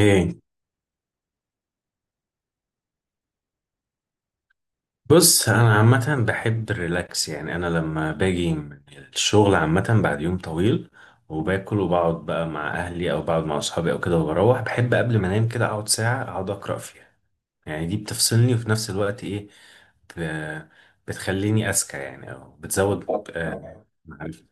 ايه. بص انا عامه بحب الريلاكس، يعني انا لما باجي من الشغل عامه بعد يوم طويل وباكل وبقعد بقى مع اهلي او بقعد مع اصحابي او كده، وبروح بحب قبل ما انام كده اقعد ساعه اقعد اقرا فيها. يعني دي بتفصلني وفي نفس الوقت ايه، ب- بتخليني اذكى يعني، او بتزود معرفتي.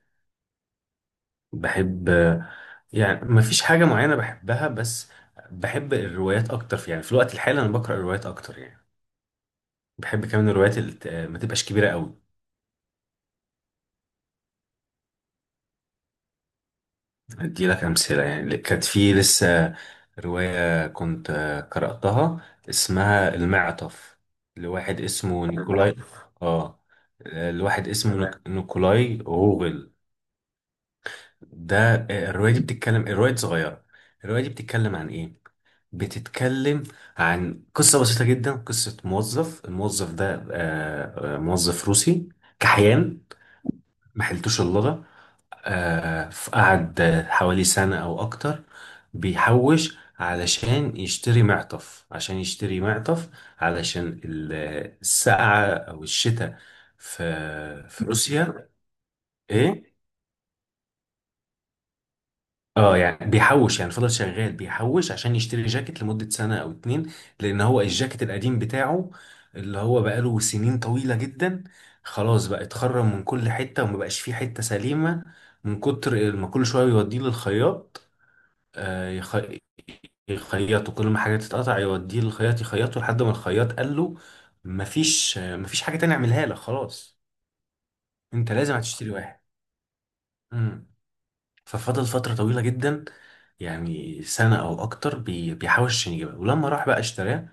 بحب يعني ما فيش حاجه معينه بحبها، بس بحب الروايات اكتر، في يعني في الوقت الحالي انا بقرا روايات اكتر يعني. بحب كمان الروايات اللي ما تبقاش كبيره قوي. أدي لك أمثلة، يعني كانت في لسه رواية كنت قرأتها اسمها المعطف، لواحد اسمه نيكولاي. آه. لواحد اسمه نيكولاي غوغل ده. الرواية دي صغيرة. الرواية دي بتتكلم عن إيه؟ بتتكلم عن قصة بسيطة جدا، قصة موظف، الموظف ده موظف روسي كحيان، ما حيلتوش اللغة. قعد حوالي سنة أو أكتر بيحوش علشان يشتري معطف، عشان يشتري معطف علشان السقعة أو الشتاء في في روسيا. إيه؟ اه يعني بيحوش، يعني فضل شغال بيحوش عشان يشتري جاكيت لمدة سنة أو اتنين، لأن هو الجاكيت القديم بتاعه اللي هو بقاله سنين طويلة جدا، خلاص بقى اتخرم من كل حتة ومبقاش فيه حتة سليمة من كتر ما كل شوية يوديه للخياط. آه، يخ... يخيطوا، كل ما حاجة تتقطع يوديه للخياط يخيطه، لحد ما الخياط قال له مفيش، مفيش حاجة تانية اعملها لك، خلاص انت لازم هتشتري واحد. امم ففضل فترة طويلة جدا، يعني سنة او اكتر بيحاول عشان يجيبها، ولما راح بقى اشتراه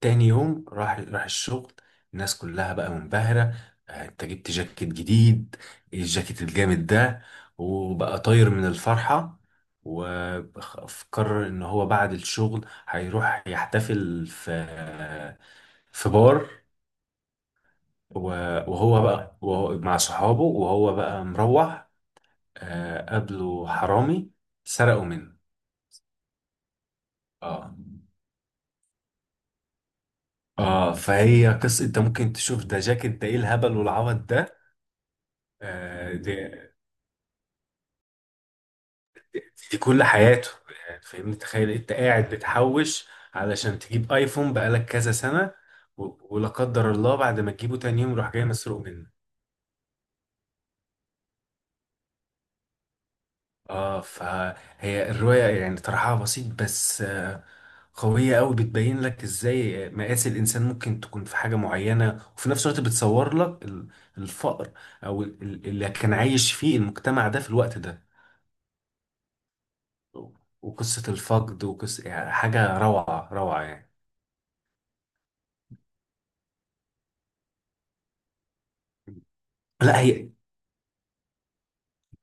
تاني يوم راح الشغل، الناس كلها بقى منبهرة، انت جبت جاكيت جديد، إيه الجاكيت الجامد ده، وبقى طاير من الفرحة. وقرر ان هو بعد الشغل هيروح يحتفل في في بار. و- وهو مع صحابه وهو بقى مروح، قابله حرامي سرقوا منه. اه. اه فهي قصة انت ممكن تشوف ده، جاكيت ده ايه الهبل والعبط ده، دي في كل حياته، يعني فاهمني، تخيل انت قاعد بتحوش علشان تجيب ايفون بقالك كذا سنة، ولا قدر الله بعد ما تجيبه تاني يوم يروح جاي مسروق منك. اه فهي الرواية يعني طرحها بسيط، بس قوية قوي، بتبين لك ازاي مقاس الانسان ممكن تكون في حاجة معينة، وفي نفس الوقت بتصور لك الفقر او اللي كان عايش فيه المجتمع ده في الوقت ده، وقصة الفقد، وقصة يعني حاجة روعة روعة يعني. لا هي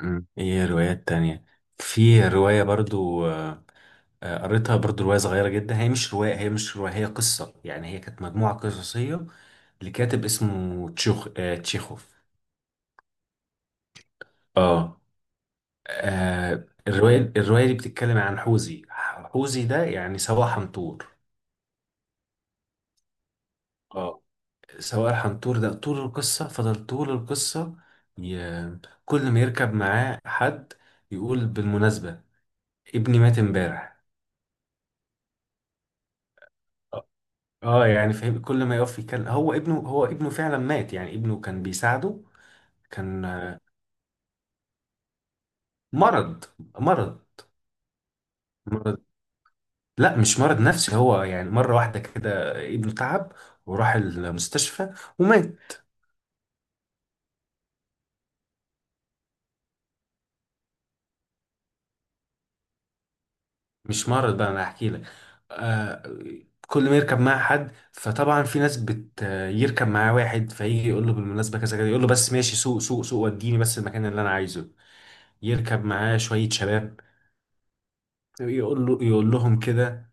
ايه روايات تانية. في رواية برضو، قريتها برضو، رواية صغيرة جدا، هي مش رواية، هي قصة يعني، هي كانت مجموعة قصصية لكاتب اسمه تشيخوف. اه. الرواية دي بتتكلم عن حوزي. حوزي ده يعني سواق حنطور. اه. سواق الحنطور ده طول القصة، فضل طول القصة ي... كل ما يركب معاه حد يقول بالمناسبة، ابني مات امبارح. اه يعني فاهم، كل ما يقف يتكلم هو ابنه، فعلا مات، يعني ابنه كان بيساعده. كان مرض. مرض. مرض. لا مش مرض نفسي، هو يعني مرة واحدة كده ابنه تعب وراح المستشفى ومات. مش مرض بقى، انا احكي لك. آه، كل ما يركب معاه حد فطبعا في ناس بت، يركب معاه واحد فيجي يقول له بالمناسبة كذا كذا، يقول له بس ماشي، سوق وديني بس المكان اللي انا عايزه. يركب معاه شوية شباب يقول له، يقول لهم كده،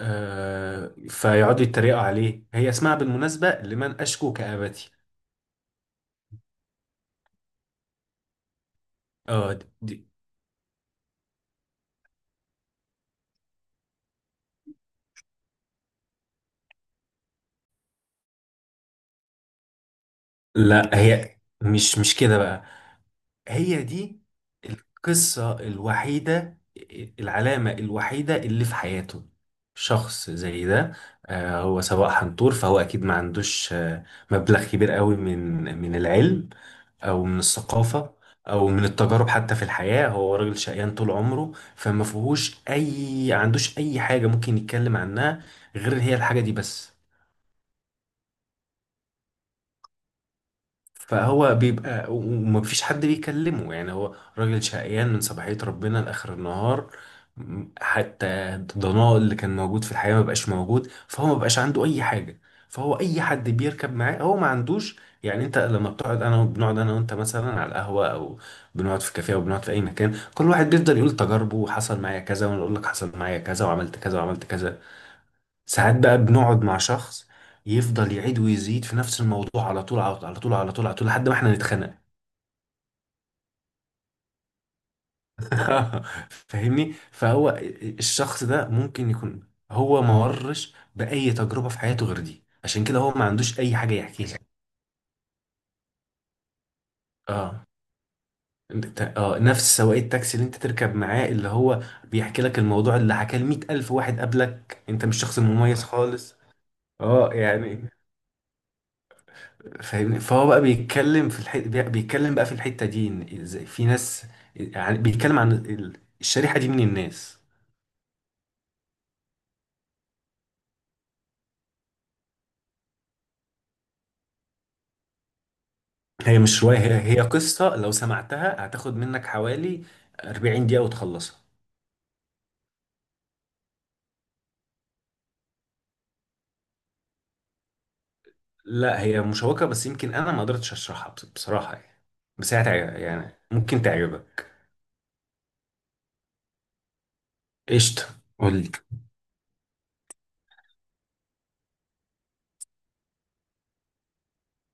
آه فيقعدوا يتريقوا عليه. هي اسمها بالمناسبة لمن أشكو كآبتي. اه لا هي مش كده بقى، هي دي القصة الوحيدة، العلامة الوحيدة اللي في حياته. شخص زي ده، آه هو سواق حنطور، فهو أكيد ما عندوش آه مبلغ كبير قوي من العلم، او من الثقافه، او من التجارب حتى في الحياه. هو راجل شقيان طول عمره، فما فيهوش اي، ما عندوش اي حاجه ممكن يتكلم عنها غير هي الحاجه دي بس. فهو بيبقى ومفيش حد بيكلمه، يعني هو راجل شقيان من صباحية ربنا لآخر النهار، حتى الضناء اللي كان موجود في الحياة مبقاش موجود، فهو مبقاش عنده أي حاجة. فهو أي حد بيركب معاه هو ما عندوش، يعني أنت لما بتقعد، أنا بنقعد أنا وأنت مثلا على القهوة أو بنقعد في كافيه أو بنقعد في أي مكان، كل واحد بيفضل يقول تجاربه، وحصل معايا كذا، وأنا أقول لك حصل معايا كذا وعملت كذا وعملت كذا. ساعات بقى بنقعد مع شخص يفضل يعيد ويزيد في نفس الموضوع، على طول على طول على طول على طول على طول، لحد ما احنا نتخنق. فاهمني، فهو الشخص ده ممكن يكون هو ما مرش بأي تجربة في حياته غير دي، عشان كده هو ما عندوش أي حاجة يحكي لك. اه نفس سواق التاكسي اللي انت تركب معاه، اللي هو بيحكي لك الموضوع اللي حكاه لمية ألف واحد قبلك، انت مش شخص مميز خالص. اه يعني فاهمني، فهو بقى بيتكلم في بيتكلم بقى في الحتة دي، ان ازاي في ناس، يعني بيتكلم عن الشريحة دي من الناس. هي مش رواية، هي قصة، لو سمعتها هتاخد منك حوالي 40 دقيقة وتخلصها. لا هي مشوقة، بس يمكن انا ما قدرتش اشرحها بصراحة يعني، بس هي يعني ممكن تعجبك. قشطة، قول لي.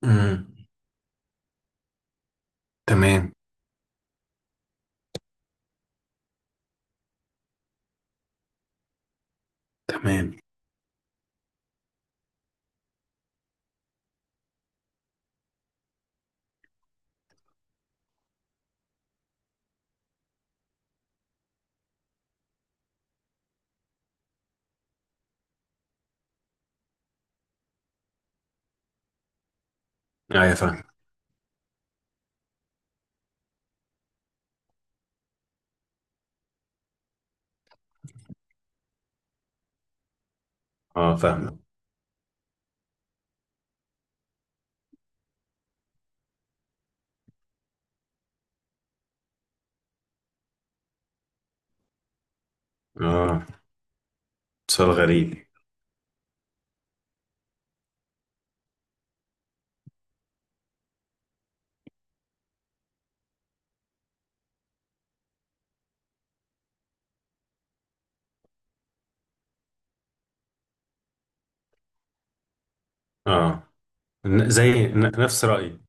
امم، تمام تمام. ايوه فاهم. اه فاهم. اه، سؤال غريب. اه، زي نفس رأيي.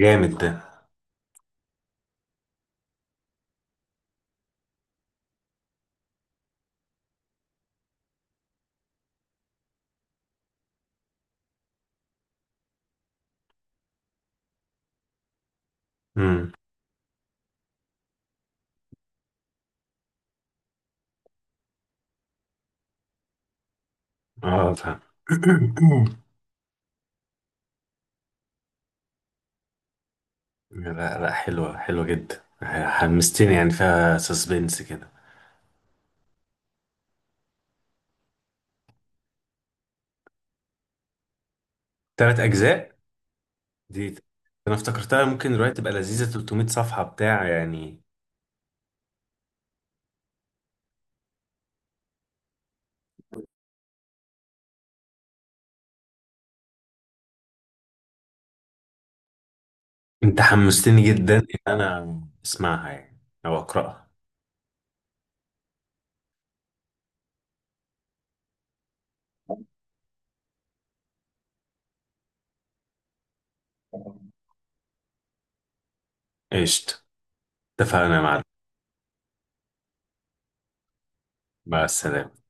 جامد ده. امم. اه فاهم. لا لا، حلوة حلوة جدا، حمستني يعني، فيها سسبنس كده. تلات أجزاء دي؟ أنا افتكرتها ممكن دلوقتي تبقى لذيذة 300 صفحة بتاع يعني. أنت حمستني جدا إن أنا أسمعها يعني، أو أقرأها. قشطة، اتفقنا يا معلم. مع السلامة.